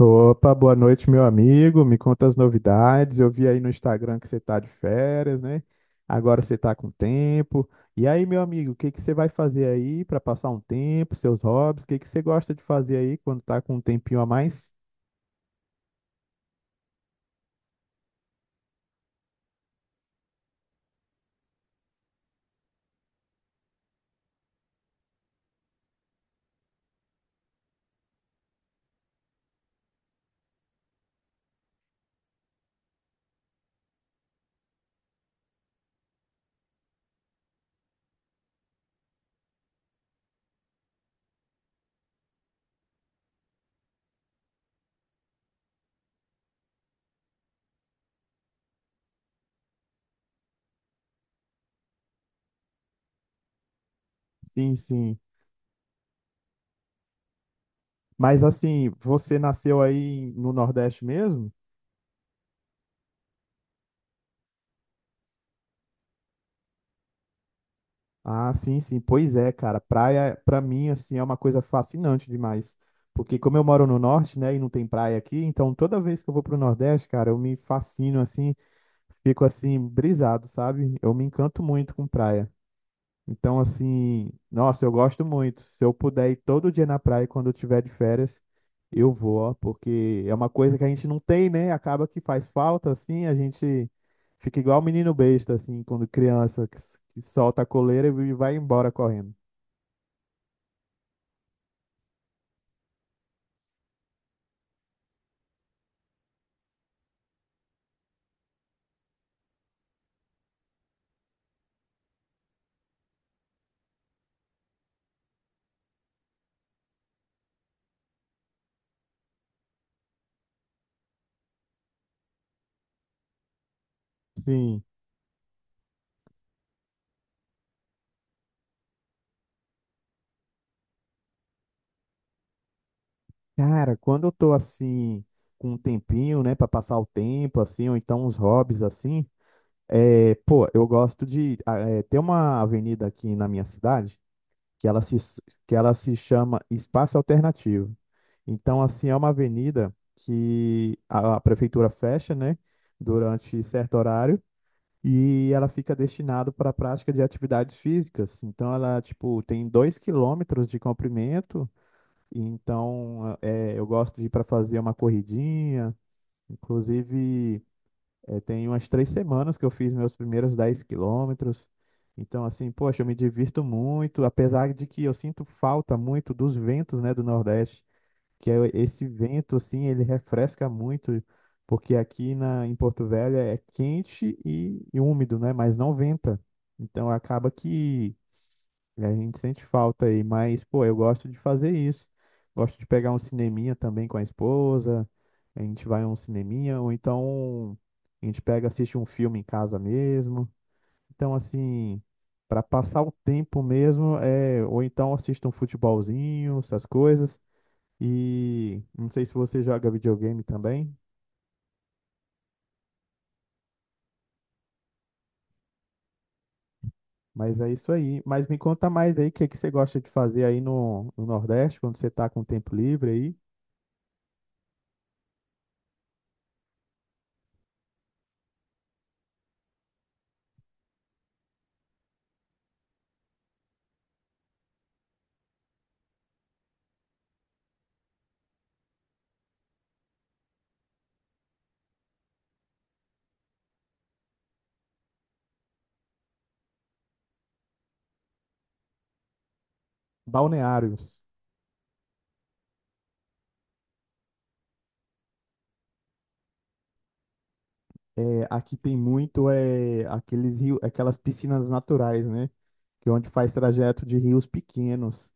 Opa, boa noite, meu amigo. Me conta as novidades. Eu vi aí no Instagram que você tá de férias, né? Agora você tá com tempo. E aí, meu amigo, o que que você vai fazer aí para passar um tempo, seus hobbies? O que que você gosta de fazer aí quando tá com um tempinho a mais? Sim, sim. Mas assim, você nasceu aí no Nordeste mesmo? Ah, sim, sim. Pois é, cara. Praia, pra mim, assim, é uma coisa fascinante demais. Porque como eu moro no norte, né, e não tem praia aqui, então toda vez que eu vou pro Nordeste, cara, eu me fascino, assim, fico assim, brisado, sabe? Eu me encanto muito com praia. Então, assim, nossa, eu gosto muito. Se eu puder ir todo dia na praia quando eu tiver de férias, eu vou, ó, porque é uma coisa que a gente não tem, né? Acaba que faz falta, assim, a gente fica igual o menino besta, assim, quando criança, que solta a coleira e vai embora correndo. Sim. Cara, quando eu tô assim, com um tempinho, né, pra passar o tempo, assim, ou então uns hobbies, assim, é, pô, eu gosto de ah, é, ter uma avenida aqui na minha cidade que ela se, que ela se chama Espaço Alternativo. Então, assim, é uma avenida que a prefeitura fecha, né, durante certo horário e ela fica destinada para a prática de atividades físicas. Então, ela, tipo, tem 2 km de comprimento. E então, é, eu gosto de ir para fazer uma corridinha. Inclusive, é, tem umas 3 semanas que eu fiz meus primeiros 10 km. Então, assim, poxa, eu me divirto muito, apesar de que eu sinto falta muito dos ventos, né, do Nordeste, que é esse vento, assim, ele refresca muito, porque aqui na, em Porto Velho é quente e úmido, né, mas não venta. Então, acaba que e a gente sente falta aí, mas, pô, eu gosto de fazer isso. Gosto de pegar um cineminha também com a esposa. A gente vai a um cineminha, ou então a gente pega, assiste um filme em casa mesmo. Então, assim, para passar o tempo mesmo, é, ou então assiste um futebolzinho, essas coisas. E não sei se você joga videogame também, mas é isso aí. Mas me conta mais aí o que que você gosta de fazer aí no Nordeste, quando você tá com tempo livre aí. Balneários. É, aqui tem muito é, aqueles rios, aquelas piscinas naturais, né? Que é onde faz trajeto de rios pequenos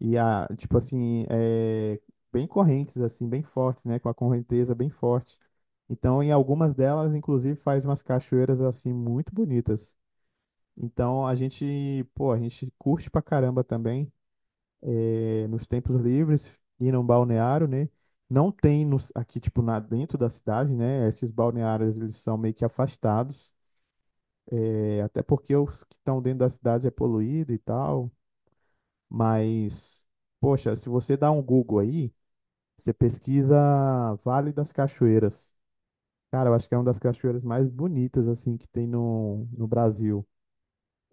e a, tipo assim, é, bem correntes assim, bem fortes, né? Com a correnteza bem forte. Então, em algumas delas, inclusive, faz umas cachoeiras assim muito bonitas. Então, a gente, pô, a gente curte pra caramba também, é, nos tempos livres, ir num balneário, né? Não tem nos, aqui, tipo, na, dentro da cidade, né? Esses balneários, eles são meio que afastados. É, até porque os que estão dentro da cidade é poluído e tal, mas, poxa, se você dá um Google aí, você pesquisa Vale das Cachoeiras. Cara, eu acho que é uma das cachoeiras mais bonitas, assim, que tem no Brasil.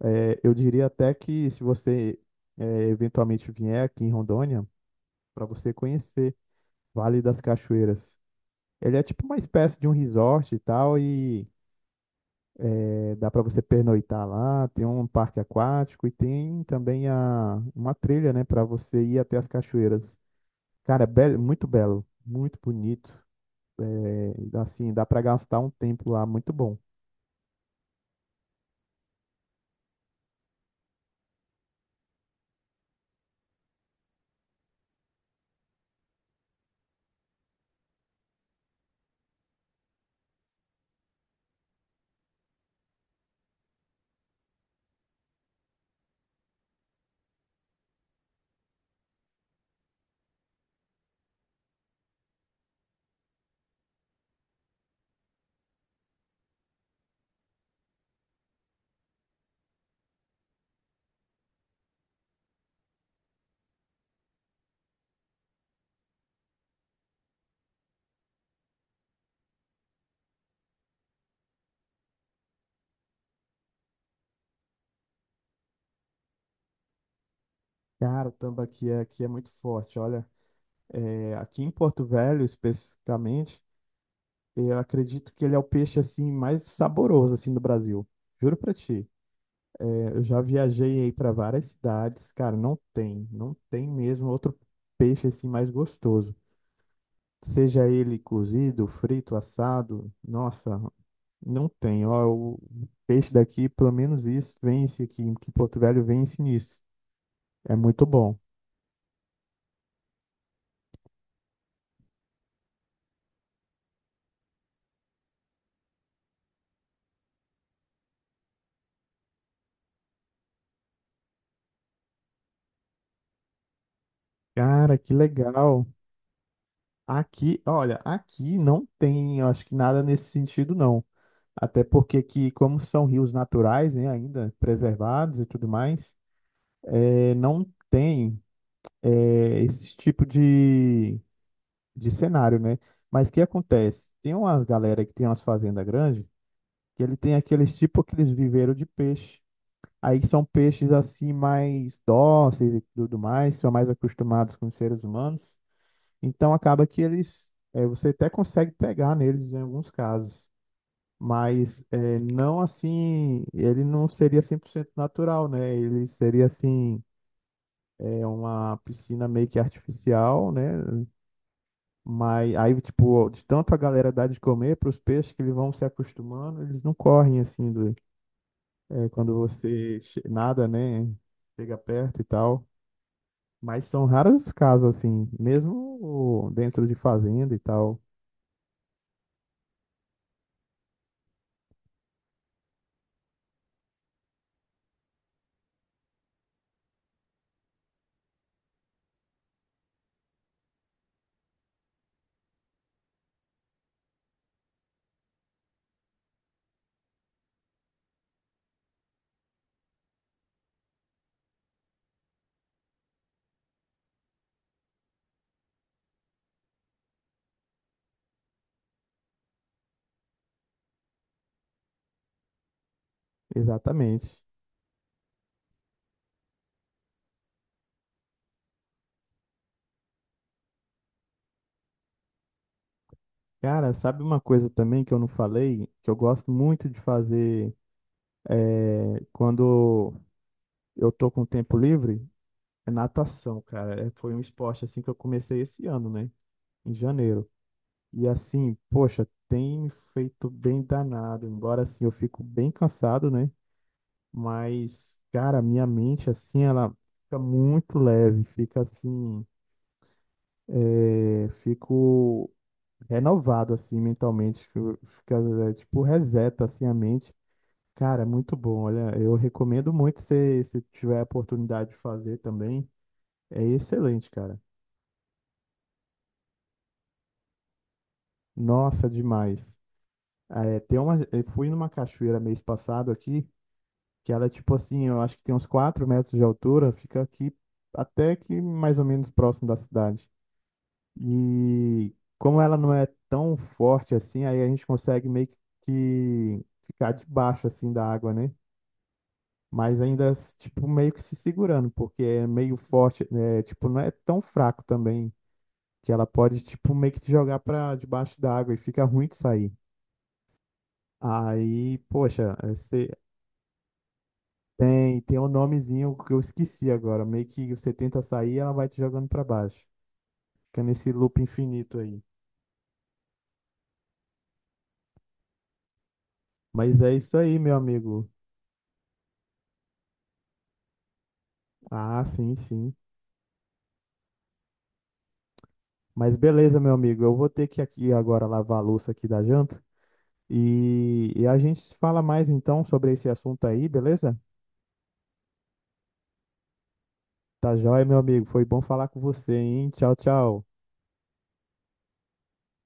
É, eu diria até que se você é, eventualmente vier aqui em Rondônia, para você conhecer Vale das Cachoeiras. Ele é tipo uma espécie de um resort e tal, e é, dá para você pernoitar lá, tem um parque aquático e tem também a, uma trilha, né, para você ir até as cachoeiras. Cara, é belo, muito bonito. É, assim, dá para gastar um tempo lá, muito bom. Cara, o tambaqui aqui é muito forte, olha. É, aqui em Porto Velho, especificamente, eu acredito que ele é o peixe assim mais saboroso assim do Brasil. Juro pra ti. É, eu já viajei aí para várias cidades, cara, não tem mesmo outro peixe assim mais gostoso. Seja ele cozido, frito, assado, nossa, não tem. Ó, o peixe daqui, pelo menos isso, vence aqui, que Porto Velho vence nisso. É muito bom. Cara, que legal. Aqui, olha, aqui não tem, eu acho que nada nesse sentido, não. Até porque aqui, como são rios naturais, né, ainda preservados e tudo mais, não tem, esse tipo de cenário, né? Mas o que acontece? Tem umas galera que tem umas fazendas grandes que ele tem aqueles tipo aqueles viveiros de peixe. Aí são peixes assim mais dóceis e tudo mais, são mais acostumados com os seres humanos. Então acaba que eles, você até consegue pegar neles em alguns casos, mas não assim, ele não seria 100% natural, né? Ele seria assim, é uma piscina meio que artificial, né? Mas aí, tipo, de tanto a galera dar de comer para os peixes que eles vão se acostumando, eles não correm assim do, é, nada, né? Chega perto e tal. Mas são raros os casos, assim, mesmo dentro de fazenda e tal. Exatamente. Cara, sabe uma coisa também que eu não falei, que eu gosto muito de fazer é, quando eu tô com tempo livre? É natação, cara. É, foi um esporte assim que eu comecei esse ano, né? Em janeiro. E assim, poxa, tem me feito bem danado. Embora assim eu fico bem cansado, né? Mas, cara, a minha mente, assim, ela fica muito leve, fica assim, é, fico renovado, assim, mentalmente, fica, é, tipo, reseta, assim, a mente. Cara, é muito bom, olha, eu recomendo muito se tiver a oportunidade de fazer também, é excelente, cara. Nossa, demais. Ah, é, tem uma, eu fui numa cachoeira mês passado aqui, que ela é tipo assim, eu acho que tem uns 4 metros de altura, fica aqui até que mais ou menos próximo da cidade. E como ela não é tão forte assim, aí a gente consegue meio que ficar debaixo assim da água, né? Mas ainda, tipo, meio que se segurando, porque é meio forte, né? Tipo, não é tão fraco também, que ela pode, tipo, meio que te jogar pra debaixo da água e fica ruim de sair. Aí, poxa, você tem um nomezinho que eu esqueci agora, meio que você tenta sair ela vai te jogando pra baixo. Fica nesse loop infinito aí. Mas é isso aí, meu amigo. Ah, sim, sim. Mas beleza, meu amigo, eu vou ter que aqui agora lavar a louça aqui da janta e a gente se fala mais então sobre esse assunto aí, beleza? Tá joia, meu amigo, foi bom falar com você, hein? Tchau, tchau.